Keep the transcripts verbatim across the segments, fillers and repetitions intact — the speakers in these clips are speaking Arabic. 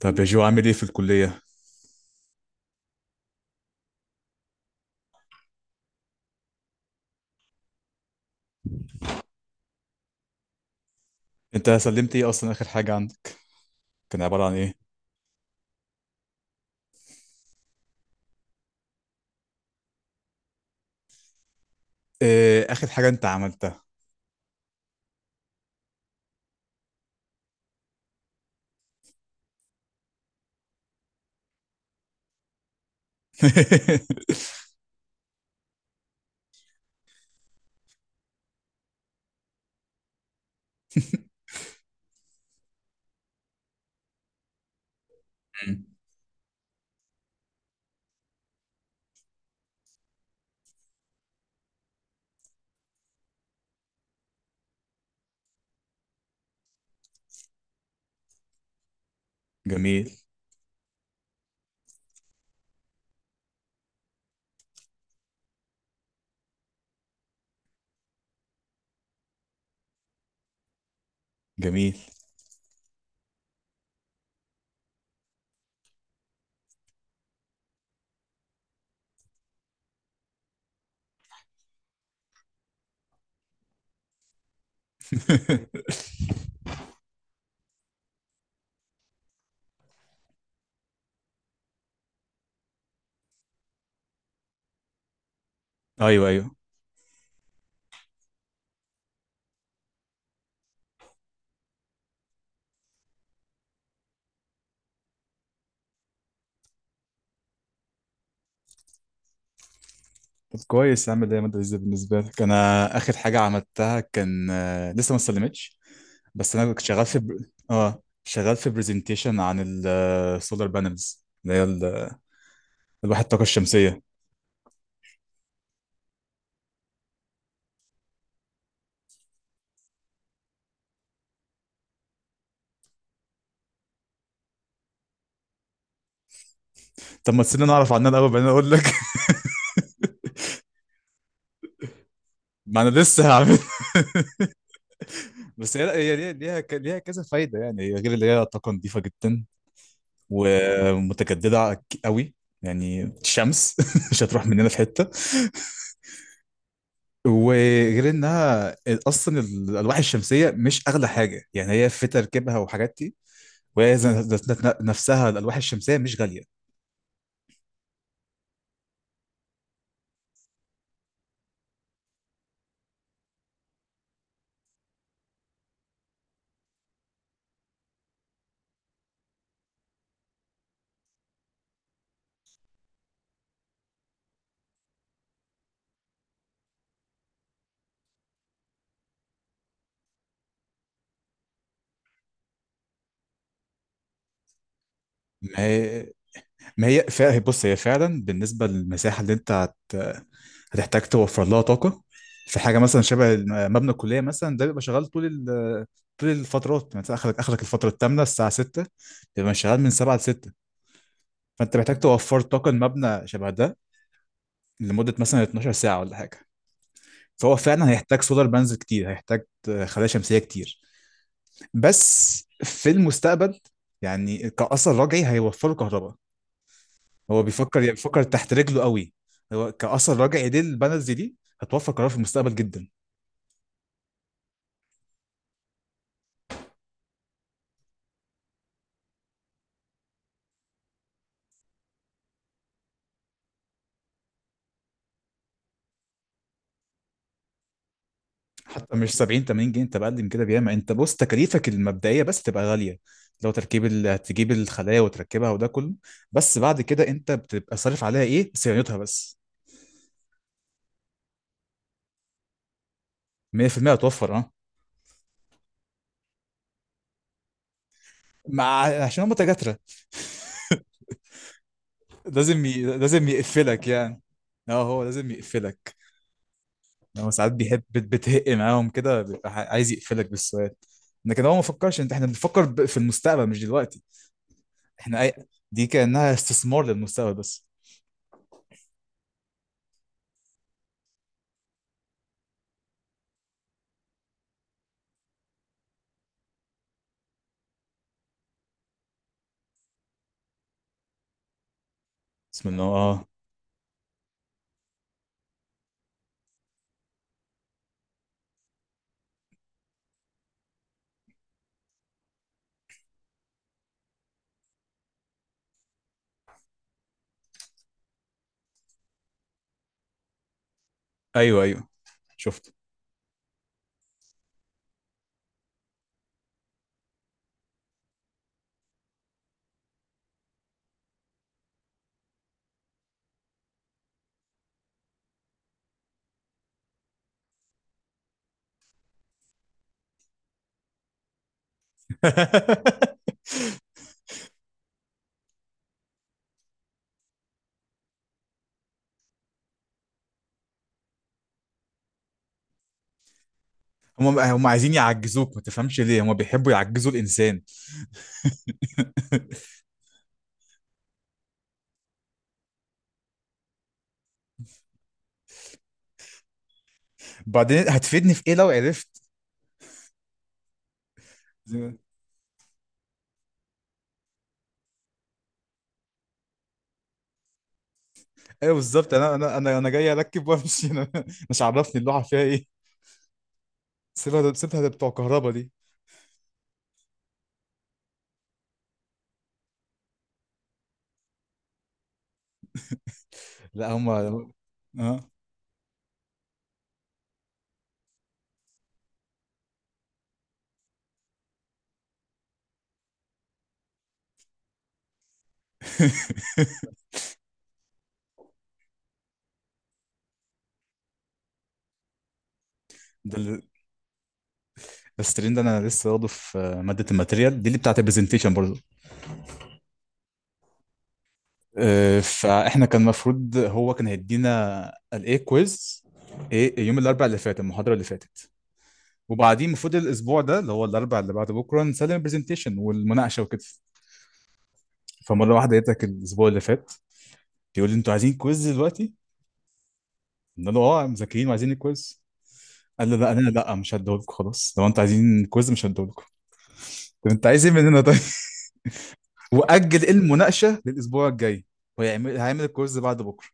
طب يا جو عامل ايه في الكلية؟ انت سلمت ايه اصلا اخر حاجة عندك؟ كان عبارة عن ايه؟ آه، اخر حاجة انت عملتها. جميل. جميل. ايوه ايوه. طب كويس، عامل ايه يا مادة لذيذة بالنسبة لك؟ انا اخر حاجة عملتها كان، آه، لسه ما استلمتش، بس انا كنت شغال في بر... اه، شغال في برزنتيشن عن السولار بانلز اللي هي ال- آه، الواحد الطاقة الشمسية. طب ما تسيبني انا اعرف عنها الاول بعدين اقول لك. ما انا لسه هعمل. بس هي هي ليها ليها ك- ليها كذا فايدة، يعني هي، غير اللي هي طاقة نظيفة جدا ومتجددة ك- قوي، يعني الشمس مش هتروح مننا في حتة. وغير انها اصلا الالواح الشمسية مش اغلى حاجة، يعني هي في تركيبها وحاجات دي. وهي ذات- ذات- ذات نفسها الالواح الشمسية مش غالية. ما هي ما هي فا... بص، هي فعلا بالنسبة للمساحة اللي انت هت... هتحتاج توفر لها طاقة، في حاجة مثلا شبه الم- مبنى الكلية مثلا ده، بيبقى شغال طول ال... طول الفترات، يعني مثلا اخرك اخرك الفترة الثامنة، الساعة ستة بيبقى شغال من سبعة ل ستة، فانت محتاج توفر طاقة المبنى شبه ده لمدة مثلا اتناشر ساعة ولا حاجة. فهو فعلا هيحتاج سولار بانز كتير، هيحتاج خلايا شمسية كتير. بس في المستقبل، يعني كأثر رجعي، هيوفروا كهرباء. هو بيفكر يعني، بيفكر تحت رجله قوي. هو كأثر رجعي، ليه البنالتي دي هتوفر قرار في المستقبل جدا. حتى مش سبعين تمانين جنيه، انت بقل من كده بياما. انت بص، تكاليفك المبدئيه بس تبقى غاليه، لو تركيب ال... هتجيب الخلايا وتركبها وده كله، بس بعد كده انت بتبقى صارف عليها ايه، صيانتها بس. مية في المية هتوفر، اه. مع عشان هم تجاترة، لازم ي... لازم يقفلك يعني. اه، هو لازم يقفلك. هو ساعات بيحب بت- بتهق معاهم كده، بيبقى ح- عايز يقفلك بالسؤال. لكن هو ما فكرش، انت احنا بنفكر ب- في المستقبل مش دلوقتي. احنا أي... دي كأنها استثمار للمستقبل بس. بسم الله، اه. ايوه ايوه. شفت. هم هم عايزين يعجزوك، ما تفهمش ليه هم بيحبوا يعجزوا الانسان. بعدين هتفيدني في ايه لو عرفت؟ ايوه بالظبط، انا انا انا انا جاي اركب وامشي. انا مش عرفني اللوحه فيها ايه، سيبها ده، سيبها ده بتوع كهربا دي. لا هم. اه. ده ال- الستريم ده انا لسه واخده في ماده الماتيريال دي اللي بتاعت البرزنتيشن برضه. آه، فاحنا كان المفروض هو كان هيدينا الايه، كويز، ايه، يوم الاربع اللي فات، المحاضره اللي فاتت. وبعدين المفروض الاسبوع ده اللي هو الاربع اللي بعد بكره نسلم البرزنتيشن والمناقشه وكده. فمره واحده لقيتك الاسبوع اللي فات بيقول لي انتوا عايزين كويز دلوقتي؟ قلنا له اه، مذاكرين وعايزين الكويز. قال لي لا، انا لا مش هديهولكم خلاص، لو انتوا عايزين كويز مش هديهولكم. طب انت عايز ايه مننا طيب؟ واجل المناقشه للاسبوع الجاي، وهيعمل هيعمل الكورس بعد بكره.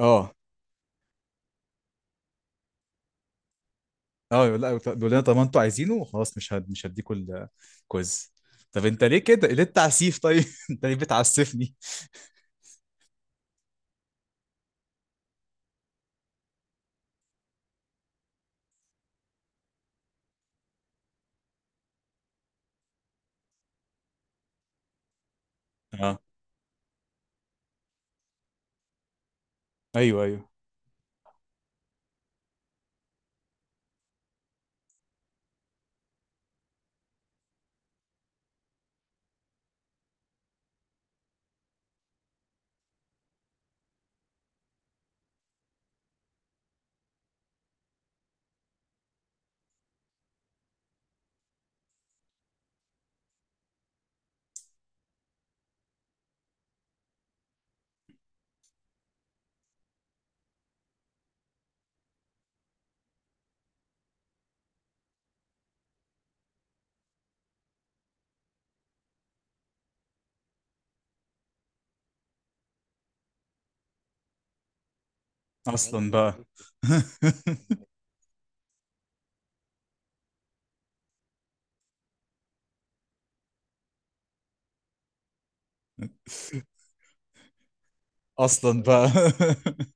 اه. اه، يقول لا، بيقول لنا طب انتوا عايزينه خلاص، مش هد... مش هديكوا الكويز. طب انت ليه كده، ليه التعسيف طيب؟ انت ليه بتعسفني؟ اه. ايوه ايوه. اصلا بقى اصلا بقى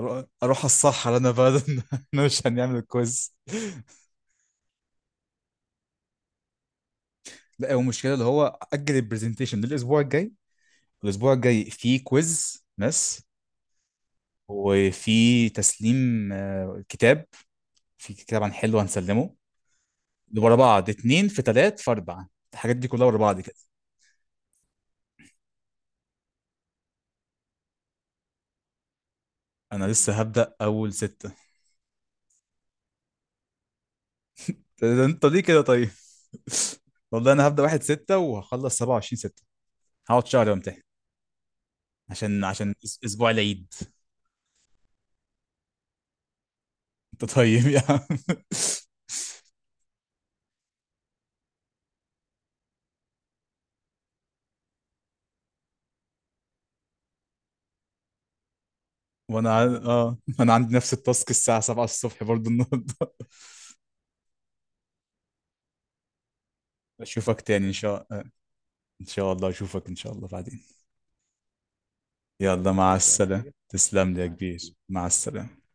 أرو- اروح الصحراء انا بقى. انا مش هنعمل الكويز. لا، هو المشكله اللي هو اجل البرزنتيشن للاسبوع الجاي، الاسبوع الجاي فيه كويز ماس، وفي تسليم، آه، كتاب، في كتاب عن حلو هنسلمه. ورا بعض، اتنين في تلات في أربعة، الحاجات دي كلها ورا بعض كده. أنا لسه هبدأ أول ستة. ده أنت ليه كده طيب؟ والله أنا هبدأ واحد ستة وهخلص سبعة وعشرين ستة. هقعد شهر وامتحن، عشان عشان أس- أسبوع العيد. أنت طيب يا عم. وأنا عن... آه أنا عندي نفس التاسك الساعة سبعة الصبح برضو النهاردة. أشوفك تاني إن شاء آه، إن شاء الله أشوفك إن شاء الله بعدين. يلا، مع مش عايز السلامة حاجة، تسلم لي يا مع كبير. مع السلامة.